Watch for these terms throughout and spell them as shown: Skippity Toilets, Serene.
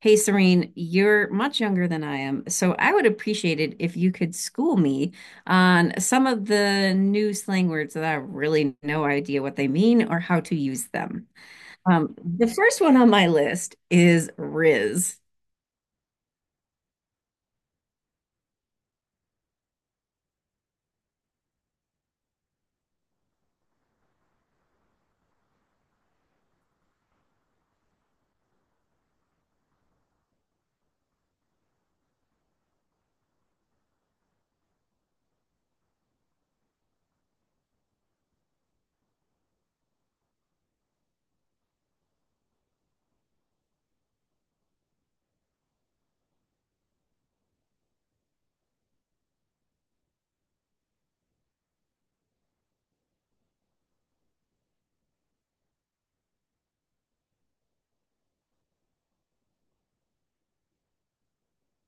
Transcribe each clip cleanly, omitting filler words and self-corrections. Hey, Serene, you're much younger than I am, so I would appreciate it if you could school me on some of the new slang words that I have really no idea what they mean or how to use them. The first one on my list is Riz.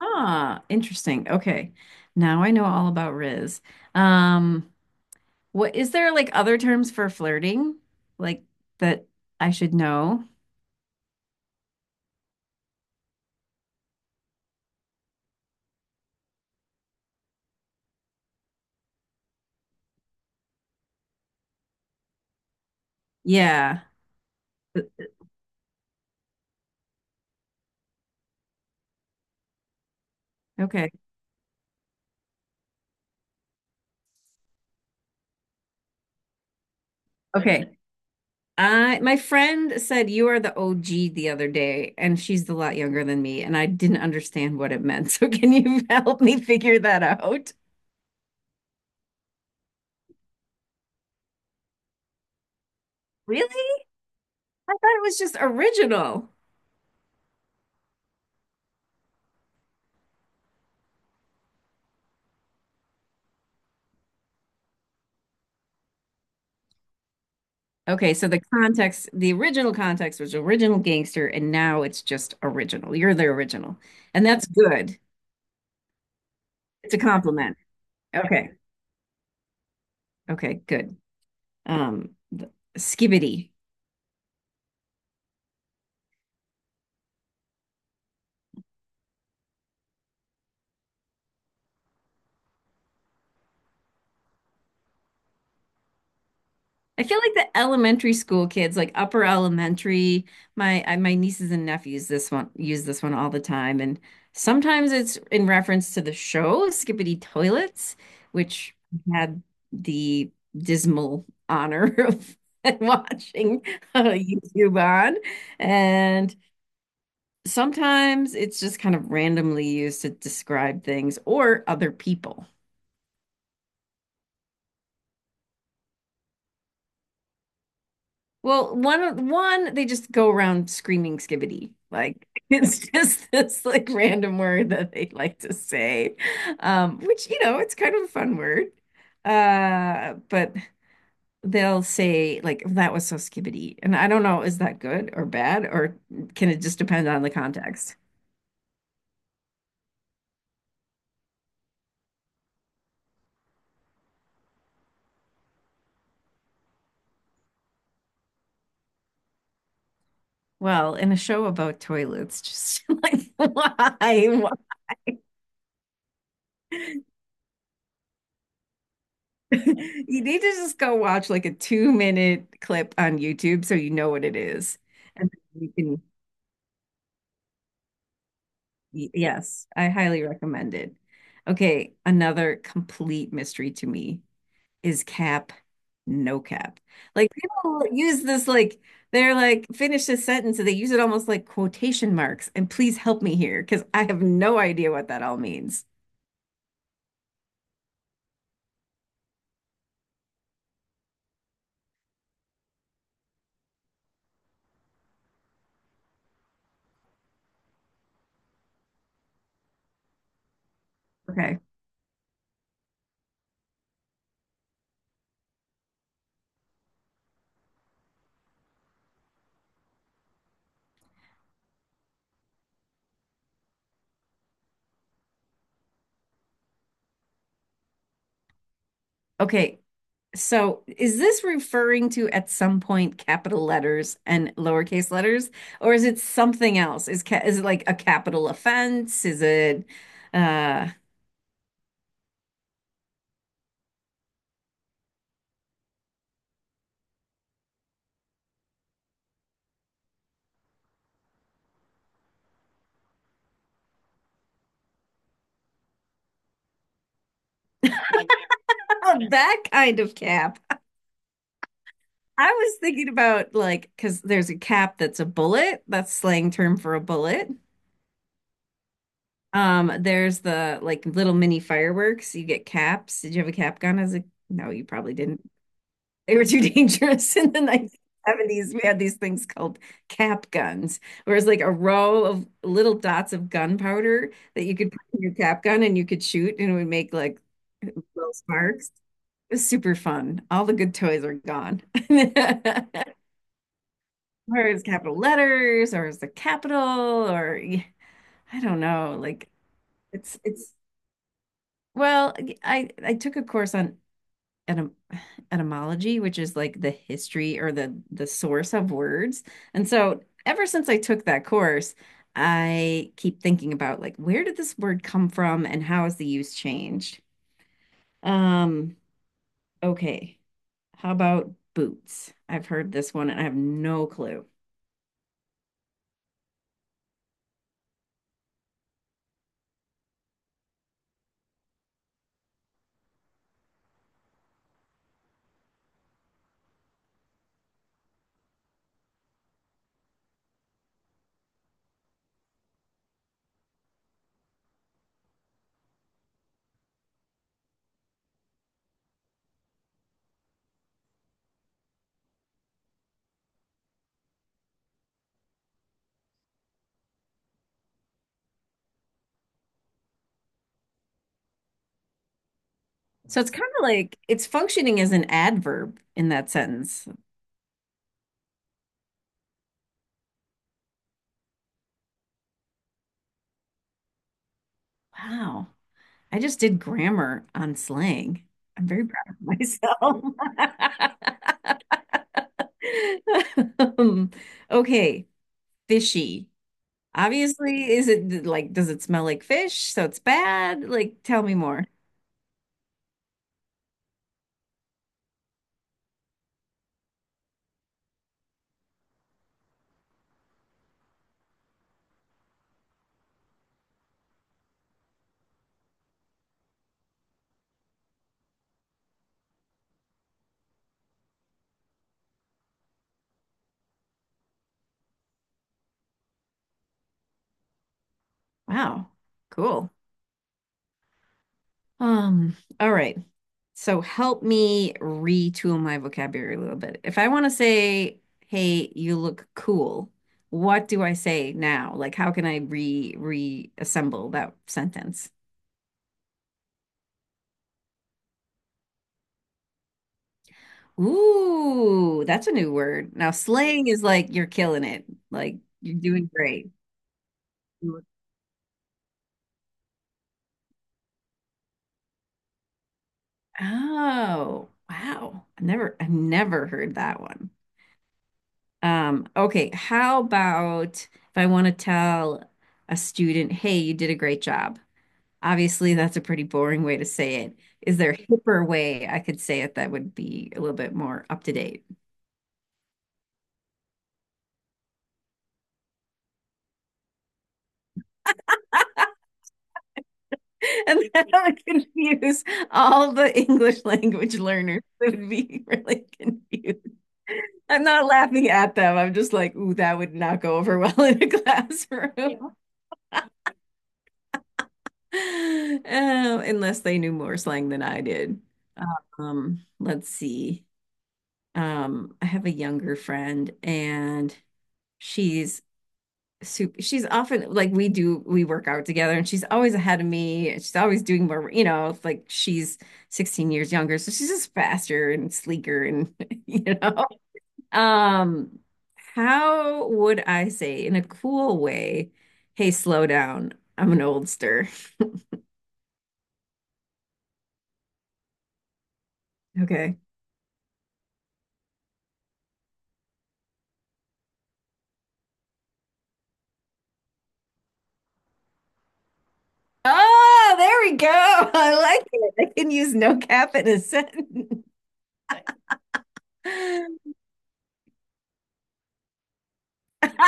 Ah, interesting. Okay. Now I know all about Riz. Um, what is there like other terms for flirting like that I should know? Yeah. Uh, Okay. Okay. I my friend said you are the OG the other day, and she's a lot younger than me, and I didn't understand what it meant. So can you help me figure that out? Really? I thought it was just original. Okay, so the context, the original context was original gangster, and now it's just original. You're the original. And that's good. It's a compliment. Okay. Okay, good. Um, th- Skibbity. I feel like the elementary school kids, like upper elementary, my nieces and nephews this one use this one all the time, and sometimes it's in reference to the show Skippity Toilets, which I had the dismal honor of watching YouTube on, and sometimes it's just kind of randomly used to describe things or other people. Well, one they just go around screaming skibbity. Like it's just this like random word that they like to say. Which, it's kind of a fun word. But they'll say like that was so skibbity. And I don't know, is that good or bad, or can it just depend on the context? Well, in a show about toilets, just like why? Why? You need to just go watch like a 2 minute clip on YouTube so you know what it is. And then yes, I highly recommend it. Okay, another complete mystery to me is cap, no cap. Like people use this like they're like finish this sentence and they use it almost like quotation marks. And please help me here because I have no idea what that all means. Okay. Okay. So is this referring to at some point capital letters and lowercase letters, or is it something else? Is it like a capital offense? Is it uh that kind of cap? I was thinking about like because there's a cap that's a bullet, that's slang term for a bullet. There's the like little mini fireworks. You get caps. Did you have a cap gun as a? No, you probably didn't. They were too dangerous in the 1970s. We had these things called cap guns, where it's like a row of little dots of gunpowder that you could put in your cap gun and you could shoot and it would make like little sparks. It was super fun. All the good toys are gone. Or it's capital letters, or it's the capital, or I don't know. It's it's well, I took a course on etym etymology, which is like the history or the source of words. And so ever since I took that course, I keep thinking about like where did this word come from and how has the use changed? Um, okay. How about boots? I've heard this one and I have no clue. So it's kind of like it's functioning as an adverb in that sentence. Wow. I just did grammar on slang. I'm very proud of myself. Um, okay, fishy. Obviously, is it like, does it smell like fish? So it's bad? Like, tell me more. Wow, cool. All right. So help me retool my vocabulary a little bit. If I want to say, hey, you look cool, what do I say now? Like, how can I re reassemble that sentence? Ooh, that's a new word. Now, slaying is like you're killing it. Like you're doing great. Oh, wow. I've never heard that one. Okay, how about if I want to tell a student, hey, you did a great job? Obviously, that's a pretty boring way to say it. Is there a hipper way I could say it that would be a little bit more up to date? And that would confuse all the English language learners. They would be really confused. I'm not laughing at them. I'm just like, ooh, that would not go over well in a classroom. Unless they knew more slang than I did. Let's see. I have a younger friend and she's she's often like we work out together and she's always ahead of me. And She's always doing more, you know, it's like she's 16 years younger, so she's just faster and sleeker and you know. Um, how would I say in a cool way, hey, slow down. I'm an oldster. Okay. Oh, there we go. I like it. I can use no cap in a sentence.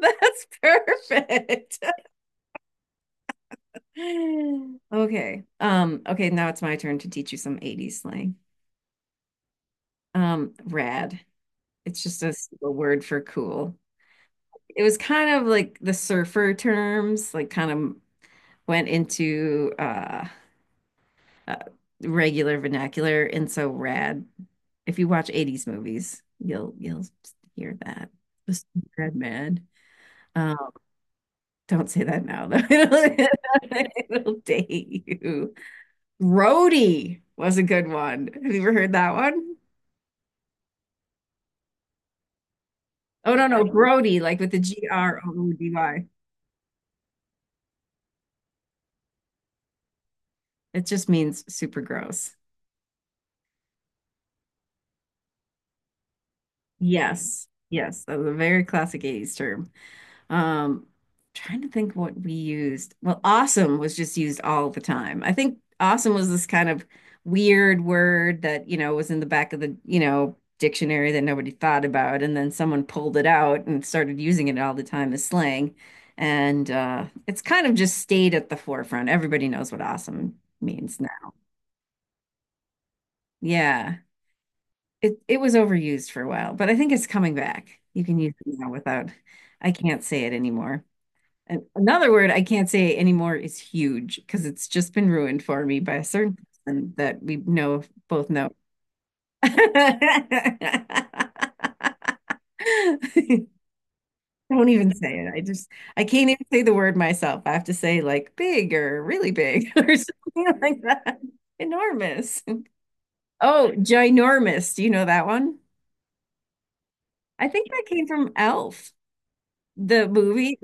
That's perfect. Okay. Okay, now it's my turn to teach you some 80s slang. Rad. It's just a word for cool. It was kind of like the surfer terms, like kind of went into uh, regular vernacular and so rad. If you watch 80s movies, you'll hear that. Just red man. Um, don't say that now though. It'll date you. Grody was a good one. Have you ever heard that one? Oh no, no, Grody, like with the Grody. It just means super gross. Yes. Yes, that was a very classic 80s term. Um, trying to think what we used. Well, awesome was just used all the time. I think awesome was this kind of weird word that, you know, was in the back of the, you know, dictionary that nobody thought about, and then someone pulled it out and started using it all the time as slang. And it's kind of just stayed at the forefront. Everybody knows what awesome means now. Yeah. It was overused for a while, but I think it's coming back. You can use it now without, I can't say it anymore. And another word I can't say anymore is huge because it's just been ruined for me by a certain person that we know both know. Don't even say it. I can't even say the word myself. I have to say like big or really big or something like that. Enormous. Oh, ginormous. Do you know that one? I think that came from Elf, the movie.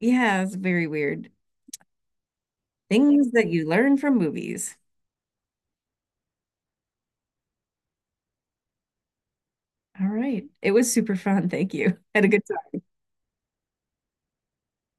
Yeah, it's very weird. Things that you learn from movies. All right. It was super fun. Thank you. Had a good time.